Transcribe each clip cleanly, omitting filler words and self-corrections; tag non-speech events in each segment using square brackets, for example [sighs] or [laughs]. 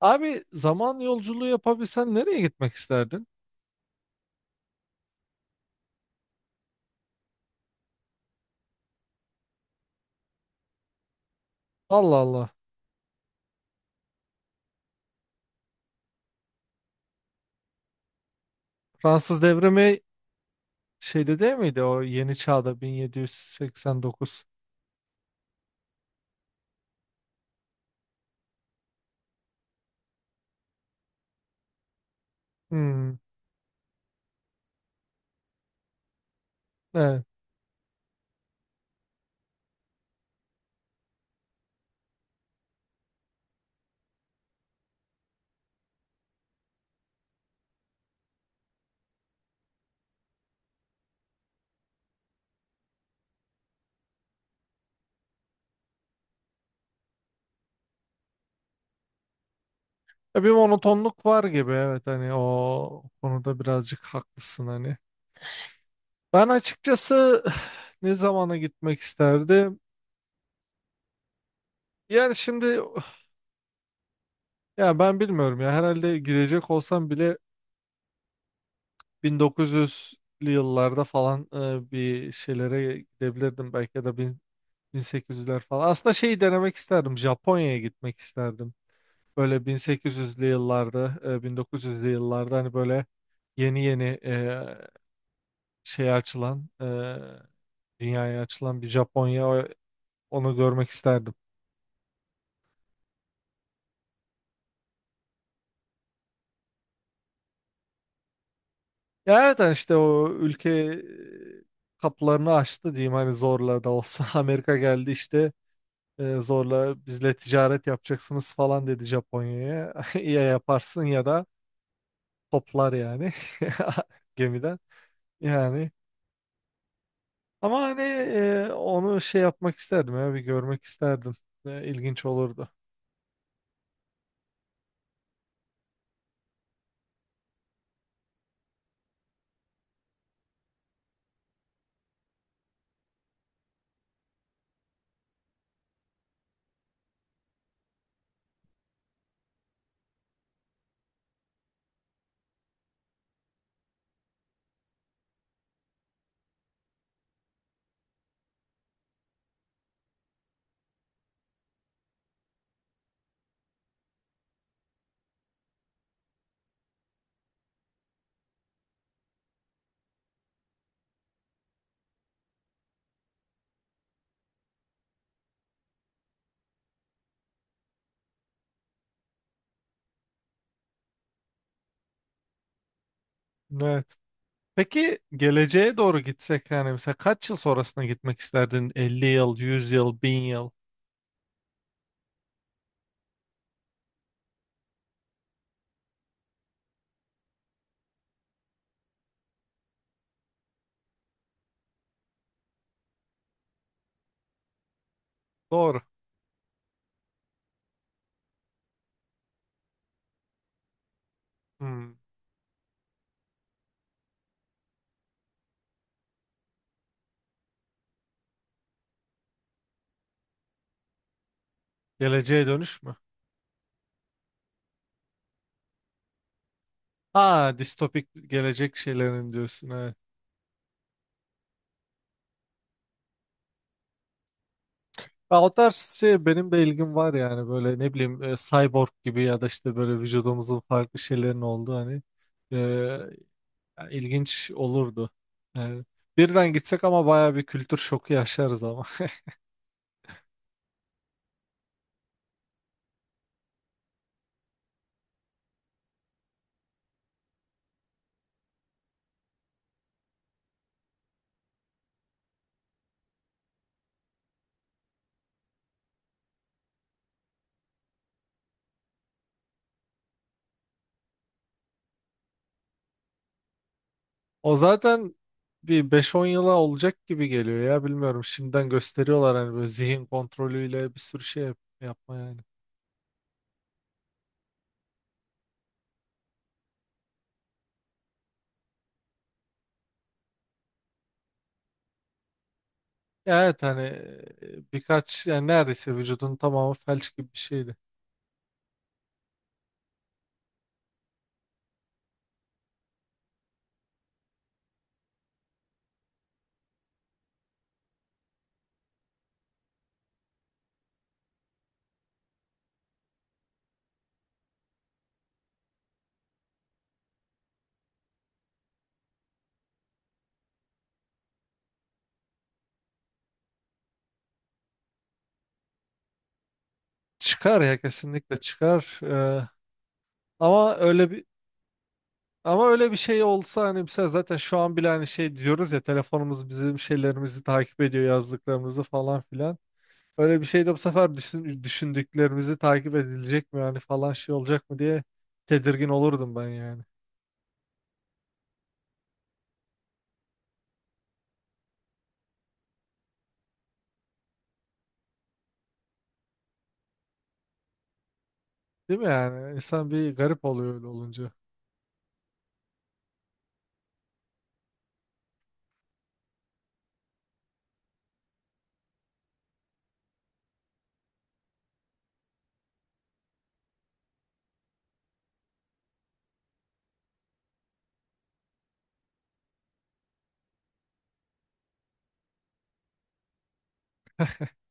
Abi zaman yolculuğu yapabilsen nereye gitmek isterdin? Allah Allah. Fransız devrimi şeyde değil miydi o yeni çağda 1789? Hmm, evet. Bir monotonluk var gibi evet hani o konuda birazcık haklısın hani. Ben açıkçası [sighs] ne zamana gitmek isterdim? Yani şimdi ya ben bilmiyorum ya herhalde gidecek olsam bile 1900'lü yıllarda falan bir şeylere gidebilirdim belki ya da 1800'ler falan. Aslında şeyi denemek isterdim. Japonya'ya gitmek isterdim. Böyle 1800'lü yıllarda, 1900'lü yıllarda hani böyle yeni yeni şey açılan, dünyaya açılan bir Japonya onu görmek isterdim. Ya evet hani işte o ülke kapılarını açtı diyeyim hani zorla da olsa [laughs] Amerika geldi işte zorla bizle ticaret yapacaksınız falan dedi Japonya'ya. [laughs] Ya yaparsın ya da toplar yani. [laughs] gemiden. Yani ama hani onu şey yapmak isterdim ya bir görmek isterdim. İlginç olurdu. Evet. Peki geleceğe doğru gitsek yani mesela kaç yıl sonrasına gitmek isterdin? 50 yıl, 100 yıl, 1000 yıl. Doğru. Hmm. Geleceğe dönüş mü? Ha, distopik gelecek şeylerin diyorsun evet. Ya o tarz şey benim de ilgim var yani böyle ne bileyim cyborg gibi ya da işte böyle vücudumuzun farklı şeylerin olduğu hani yani ilginç olurdu. Yani birden gitsek ama baya bir kültür şoku yaşarız ama. [laughs] O zaten bir beş-on yıla olacak gibi geliyor ya bilmiyorum. Şimdiden gösteriyorlar hani böyle zihin kontrolüyle bir sürü şey yapma yani. Ya evet hani birkaç yani neredeyse vücudun tamamı felç gibi bir şeydi. Çıkar ya kesinlikle çıkar. Ama öyle bir Ama öyle bir şey olsa hani mesela zaten şu an bile hani şey diyoruz ya telefonumuz bizim şeylerimizi takip ediyor yazdıklarımızı falan filan. Öyle bir şey de bu sefer düşündüklerimizi takip edilecek mi yani falan şey olacak mı diye tedirgin olurdum ben yani. Değil mi yani? İnsan bir garip oluyor öyle olunca.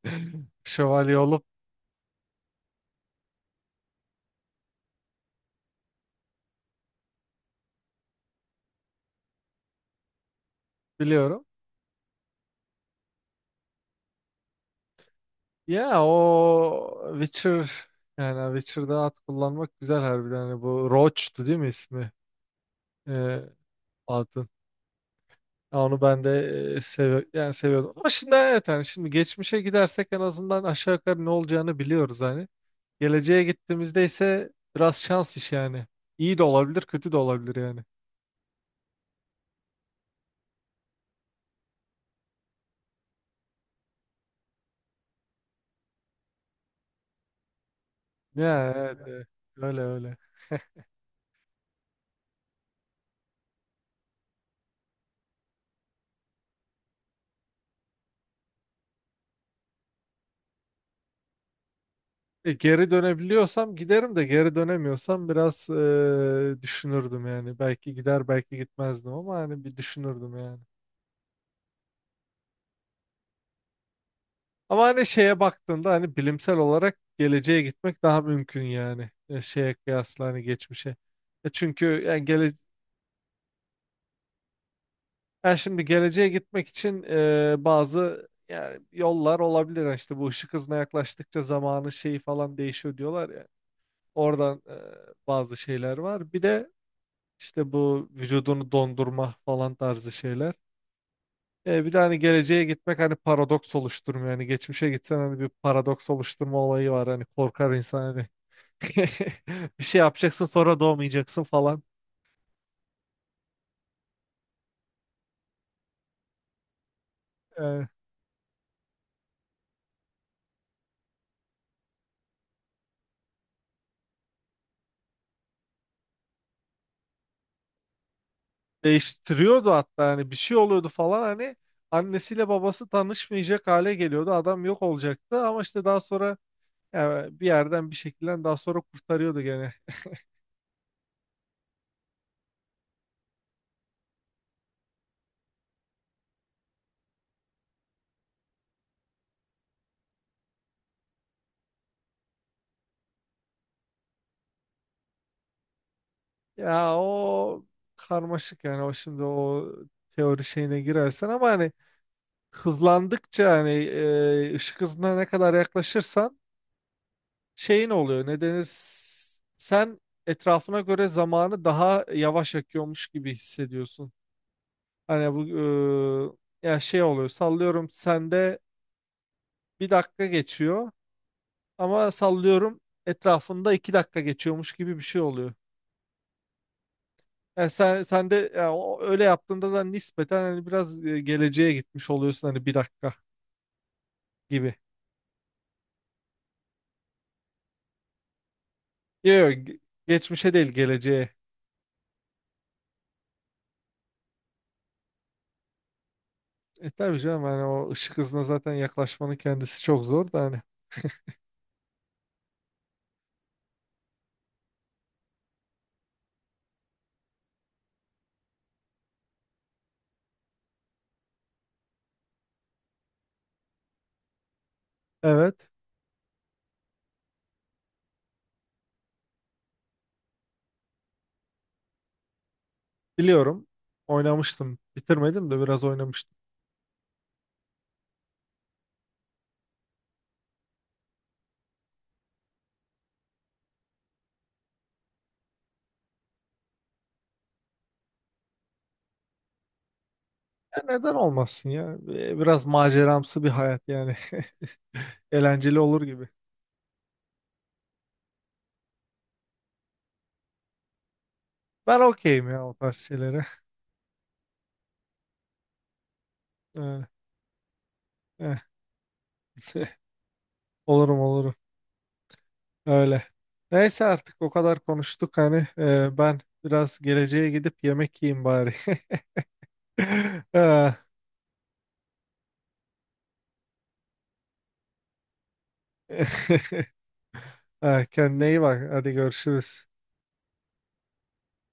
[laughs] Şövalye olup biliyorum. Ya o Witcher yani Witcher'da at kullanmak güzel harbiden. Hani bu Roach'tu değil mi ismi? Ee, adın. Ya onu ben de e, sev yani seviyordum. Ama şimdi evet yani şimdi geçmişe gidersek en azından aşağı yukarı ne olacağını biliyoruz hani. Geleceğe gittiğimizde ise biraz şans iş yani. İyi de olabilir, kötü de olabilir yani. Ya evet, evet. Öyle öyle. Geri dönebiliyorsam giderim de geri dönemiyorsam biraz düşünürdüm yani. Belki gider belki gitmezdim ama hani bir düşünürdüm yani. Ama hani şeye baktığında hani bilimsel olarak geleceğe gitmek daha mümkün yani. Şeye kıyasla hani geçmişe. Çünkü yani, yani şimdi geleceğe gitmek için bazı yani yollar olabilir. Yani işte bu ışık hızına yaklaştıkça zamanın şeyi falan değişiyor diyorlar ya. Oradan bazı şeyler var. Bir de işte bu vücudunu dondurma falan tarzı şeyler. Bir de hani geleceğe gitmek hani paradoks oluşturmuyor. Yani geçmişe gitsen hani bir paradoks oluşturma olayı var. Hani korkar insan hani [laughs] Bir şey yapacaksın sonra doğmayacaksın falan. Ee, Değiştiriyordu hatta hani bir şey oluyordu falan hani annesiyle babası tanışmayacak hale geliyordu. Adam yok olacaktı ama işte daha sonra yani bir yerden bir şekilde daha sonra kurtarıyordu gene. Ya o karmaşık yani o şimdi o teori şeyine girersen ama hani hızlandıkça hani ışık hızına ne kadar yaklaşırsan şey ne oluyor ne denir sen etrafına göre zamanı daha yavaş akıyormuş gibi hissediyorsun. Hani bu ya şey oluyor sallıyorum sende bir dakika geçiyor ama sallıyorum etrafında iki dakika geçiyormuş gibi bir şey oluyor. Yani sen de ya öyle yaptığında da nispeten hani biraz geleceğe gitmiş oluyorsun hani bir dakika gibi. Yok yok, geçmişe değil geleceğe. Tabii canım hani o ışık hızına zaten yaklaşmanın kendisi çok zor da hani. Evet. Biliyorum. Oynamıştım. Bitirmedim de biraz oynamıştım. Ya neden olmasın ya? Biraz maceramsı bir hayat yani. [laughs] Eğlenceli olur gibi. Ben okeyim ya o tarz şeylere. Ee, eh, [laughs] Olurum olurum. Öyle. Neyse artık o kadar konuştuk hani. Ben biraz geleceğe gidip yemek yiyeyim bari. [laughs] Ee, [laughs] Kendine iyi bak. Hadi görüşürüz.